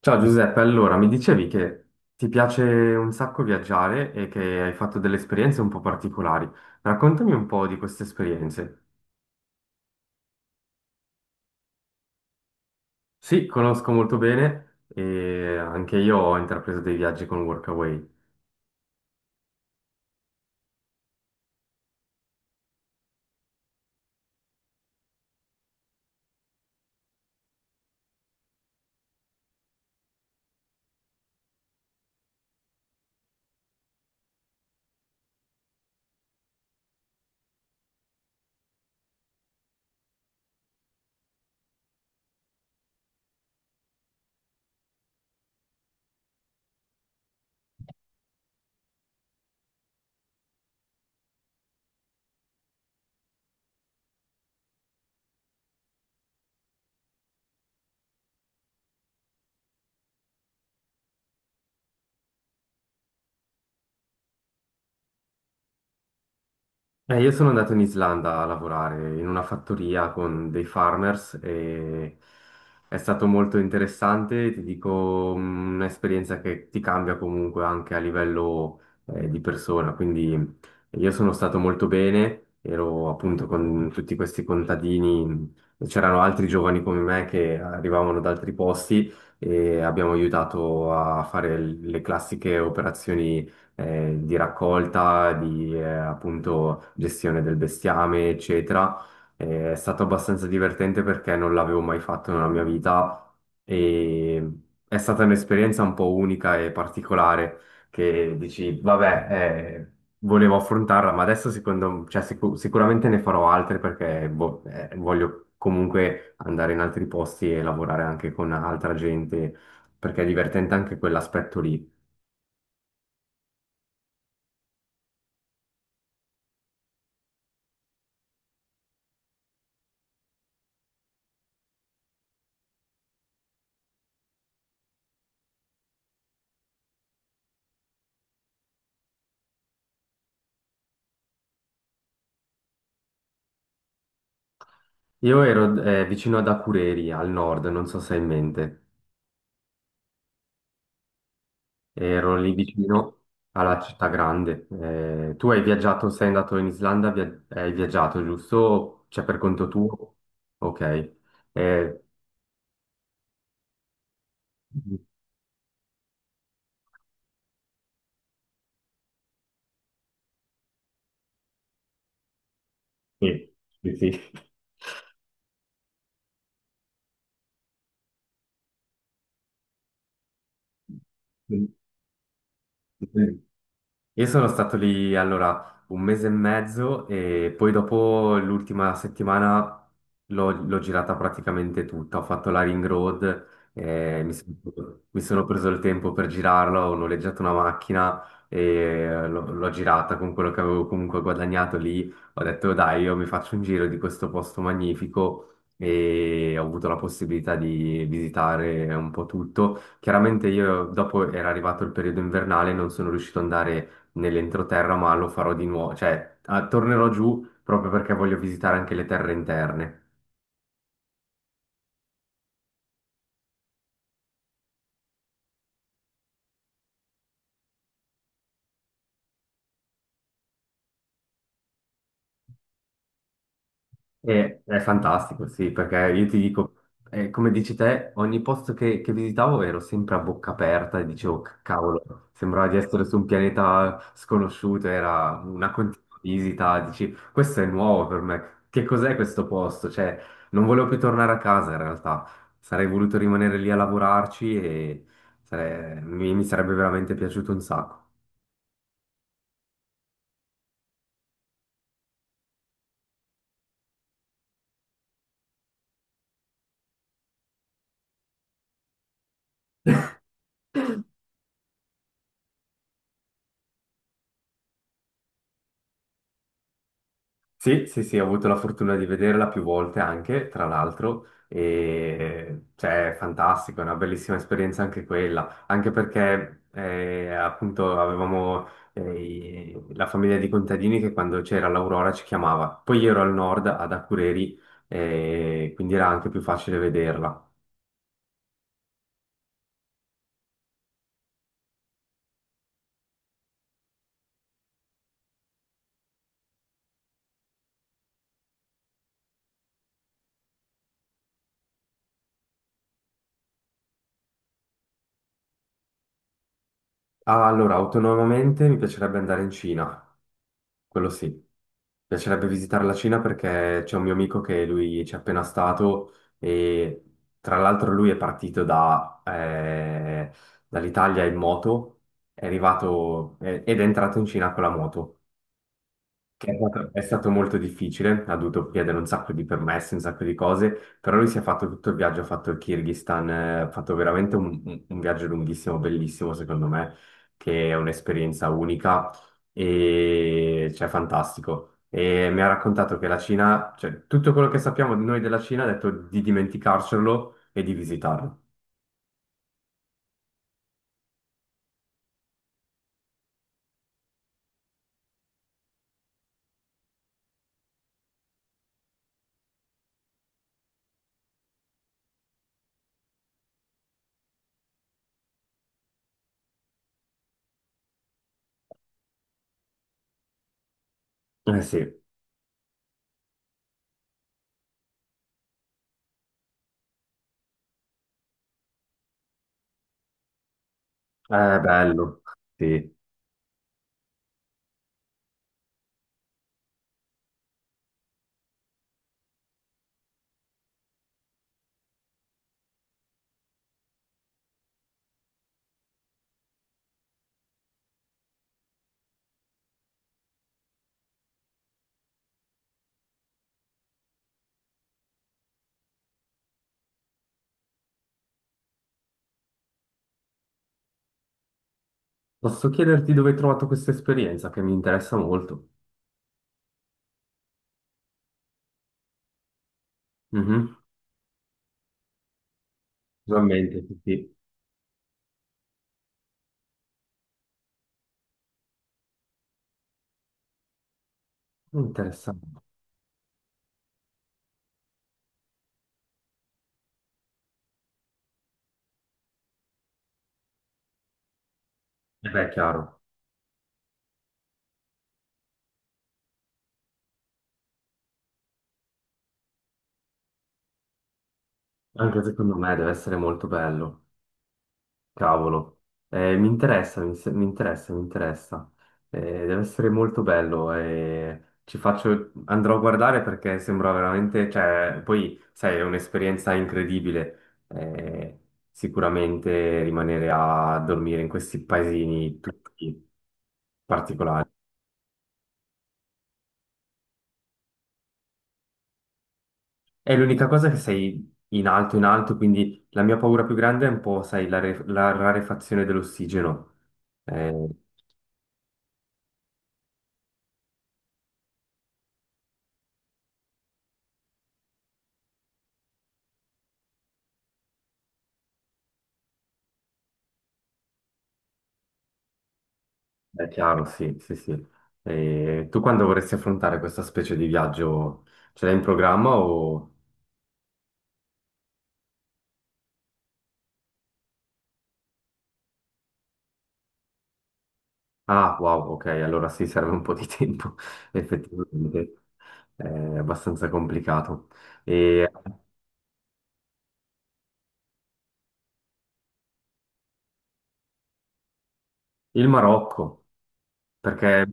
Ciao Giuseppe, allora mi dicevi che ti piace un sacco viaggiare e che hai fatto delle esperienze un po' particolari. Raccontami un po' di queste esperienze. Sì, conosco molto bene e anche io ho intrapreso dei viaggi con Workaway. Io sono andato in Islanda a lavorare in una fattoria con dei farmers e è stato molto interessante, ti dico, un'esperienza che ti cambia comunque anche a livello di persona. Quindi io sono stato molto bene, ero appunto con tutti questi contadini, c'erano altri giovani come me che arrivavano da altri posti e abbiamo aiutato a fare le classiche operazioni di raccolta, di appunto gestione del bestiame, eccetera. È stato abbastanza divertente perché non l'avevo mai fatto nella mia vita e è stata un'esperienza un po' unica e particolare che dici, vabbè, eh, volevo affrontarla, ma adesso secondo, cioè, sicuramente ne farò altre perché boh, voglio comunque andare in altri posti e lavorare anche con altra gente perché è divertente anche quell'aspetto lì. Io ero vicino ad Akureyri, al nord, non so se hai in mente. Ero lì vicino alla città grande. Tu hai viaggiato, sei andato in Islanda, hai viaggiato, giusto? Cioè per conto tuo? Ok. Eh, sì, sì, sì. Io sono stato lì allora un mese e mezzo e poi dopo l'ultima settimana l'ho girata praticamente tutta. Ho fatto la Ring Road, sono mi sono preso il tempo per girarla, ho noleggiato una macchina e l'ho girata con quello che avevo comunque guadagnato lì. Ho detto dai, io mi faccio un giro di questo posto magnifico e ho avuto la possibilità di visitare un po' tutto. Chiaramente io dopo era arrivato il periodo invernale, non sono riuscito ad andare nell'entroterra, ma lo farò di nuovo, cioè tornerò giù proprio perché voglio visitare anche le terre interne. È fantastico, sì, perché io ti dico, come dici te, ogni posto che visitavo ero sempre a bocca aperta e dicevo, Cavolo, sembrava di essere su un pianeta sconosciuto, era una continua visita, dici, questo è nuovo per me, che cos'è questo posto? Cioè, non volevo più tornare a casa in realtà, sarei voluto rimanere lì a lavorarci e mi sarebbe veramente piaciuto un sacco. Sì, sì, sì, ho avuto la fortuna di vederla più volte anche, tra l'altro, e cioè, è fantastico, è una bellissima esperienza anche quella, anche perché appunto avevamo eh, la famiglia di contadini che quando c'era l'Aurora ci chiamava. Poi io ero al nord, ad Akureyri, quindi era anche più facile vederla. Ah, allora, autonomamente mi piacerebbe andare in Cina. Quello sì. Mi piacerebbe visitare la Cina perché c'è un mio amico che lui ci è appena stato e tra l'altro lui è partito da, dall'Italia in moto, è arrivato ed è entrato in Cina con la moto. È stato molto difficile, ha dovuto chiedere un sacco di permessi, un sacco di cose, però lui si è fatto tutto il viaggio, ha fatto il Kirghizistan, ha fatto veramente un viaggio lunghissimo, bellissimo secondo me, che è un'esperienza unica e cioè fantastico. E mi ha raccontato che la Cina, cioè tutto quello che sappiamo noi della Cina, ha detto di dimenticarcelo e di visitarlo. Eh sì, è bello, sì. Posso chiederti dove hai trovato questa esperienza che mi interessa molto? Mhm. Sicuramente, sì, sì. Interessante. Eh beh, chiaro. Anche secondo me deve essere molto bello. Cavolo. Mi, interessa, mi, se- mi interessa, mi interessa. Deve essere molto bello e ci faccio... andrò a guardare perché sembra veramente... Cioè, poi, sai, è un'esperienza incredibile. Sicuramente rimanere a dormire in questi paesini tutti particolari. È l'unica cosa che sei in alto, quindi la mia paura più grande è un po', sai, la rarefazione dell'ossigeno. Eh, è chiaro, sì, sì, sì. Tu quando vorresti affrontare questa specie di viaggio, ce l'hai in programma o... Ah, wow, ok, allora sì, serve un po' di tempo, effettivamente. È abbastanza complicato. E il Marocco, perché...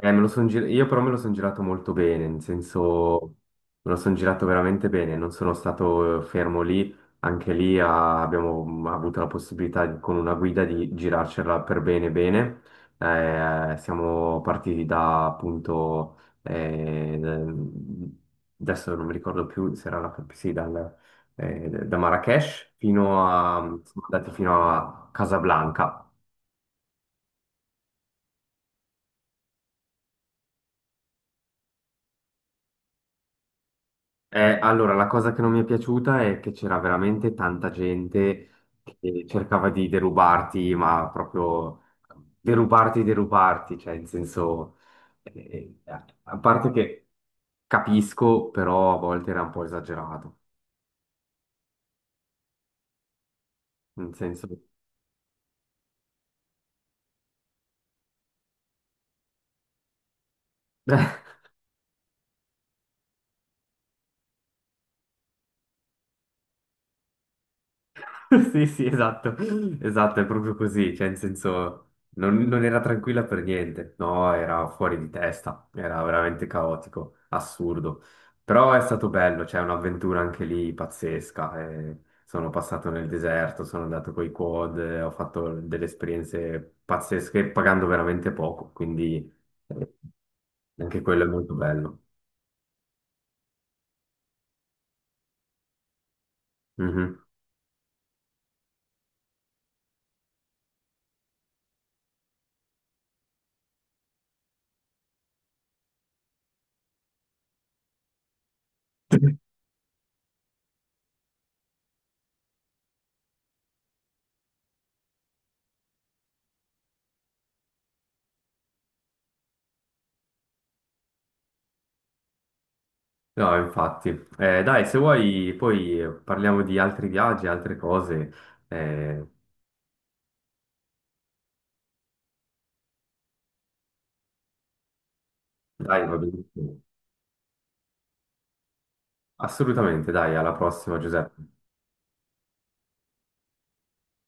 Me lo son gir- io però me lo sono girato molto bene, nel senso me lo sono girato veramente bene, non sono stato fermo lì, anche lì abbiamo avuto la possibilità con una guida di girarcela per bene bene. Siamo partiti da appunto, adesso non mi ricordo più se era la, sì, dal- da Marrakech fino a, siamo andati fino a Casablanca. Allora, la cosa che non mi è piaciuta è che c'era veramente tanta gente che cercava di derubarti, ma proprio derubarti, derubarti, cioè in senso, a parte che capisco, però a volte era un po' esagerato, nel senso... Sì, sì, esatto, esatto, è proprio così, cioè in senso non, non era tranquilla per niente, no, era fuori di testa, era veramente caotico, assurdo, però è stato bello, cioè un'avventura anche lì pazzesca, sono passato nel deserto, sono andato coi quad, ho fatto delle esperienze pazzesche pagando veramente poco, quindi eh, anche quello è molto bello. No, infatti. Dai, se vuoi poi parliamo di altri viaggi, altre cose. Eh, dai, va benissimo. Assolutamente, dai, alla prossima, Giuseppe.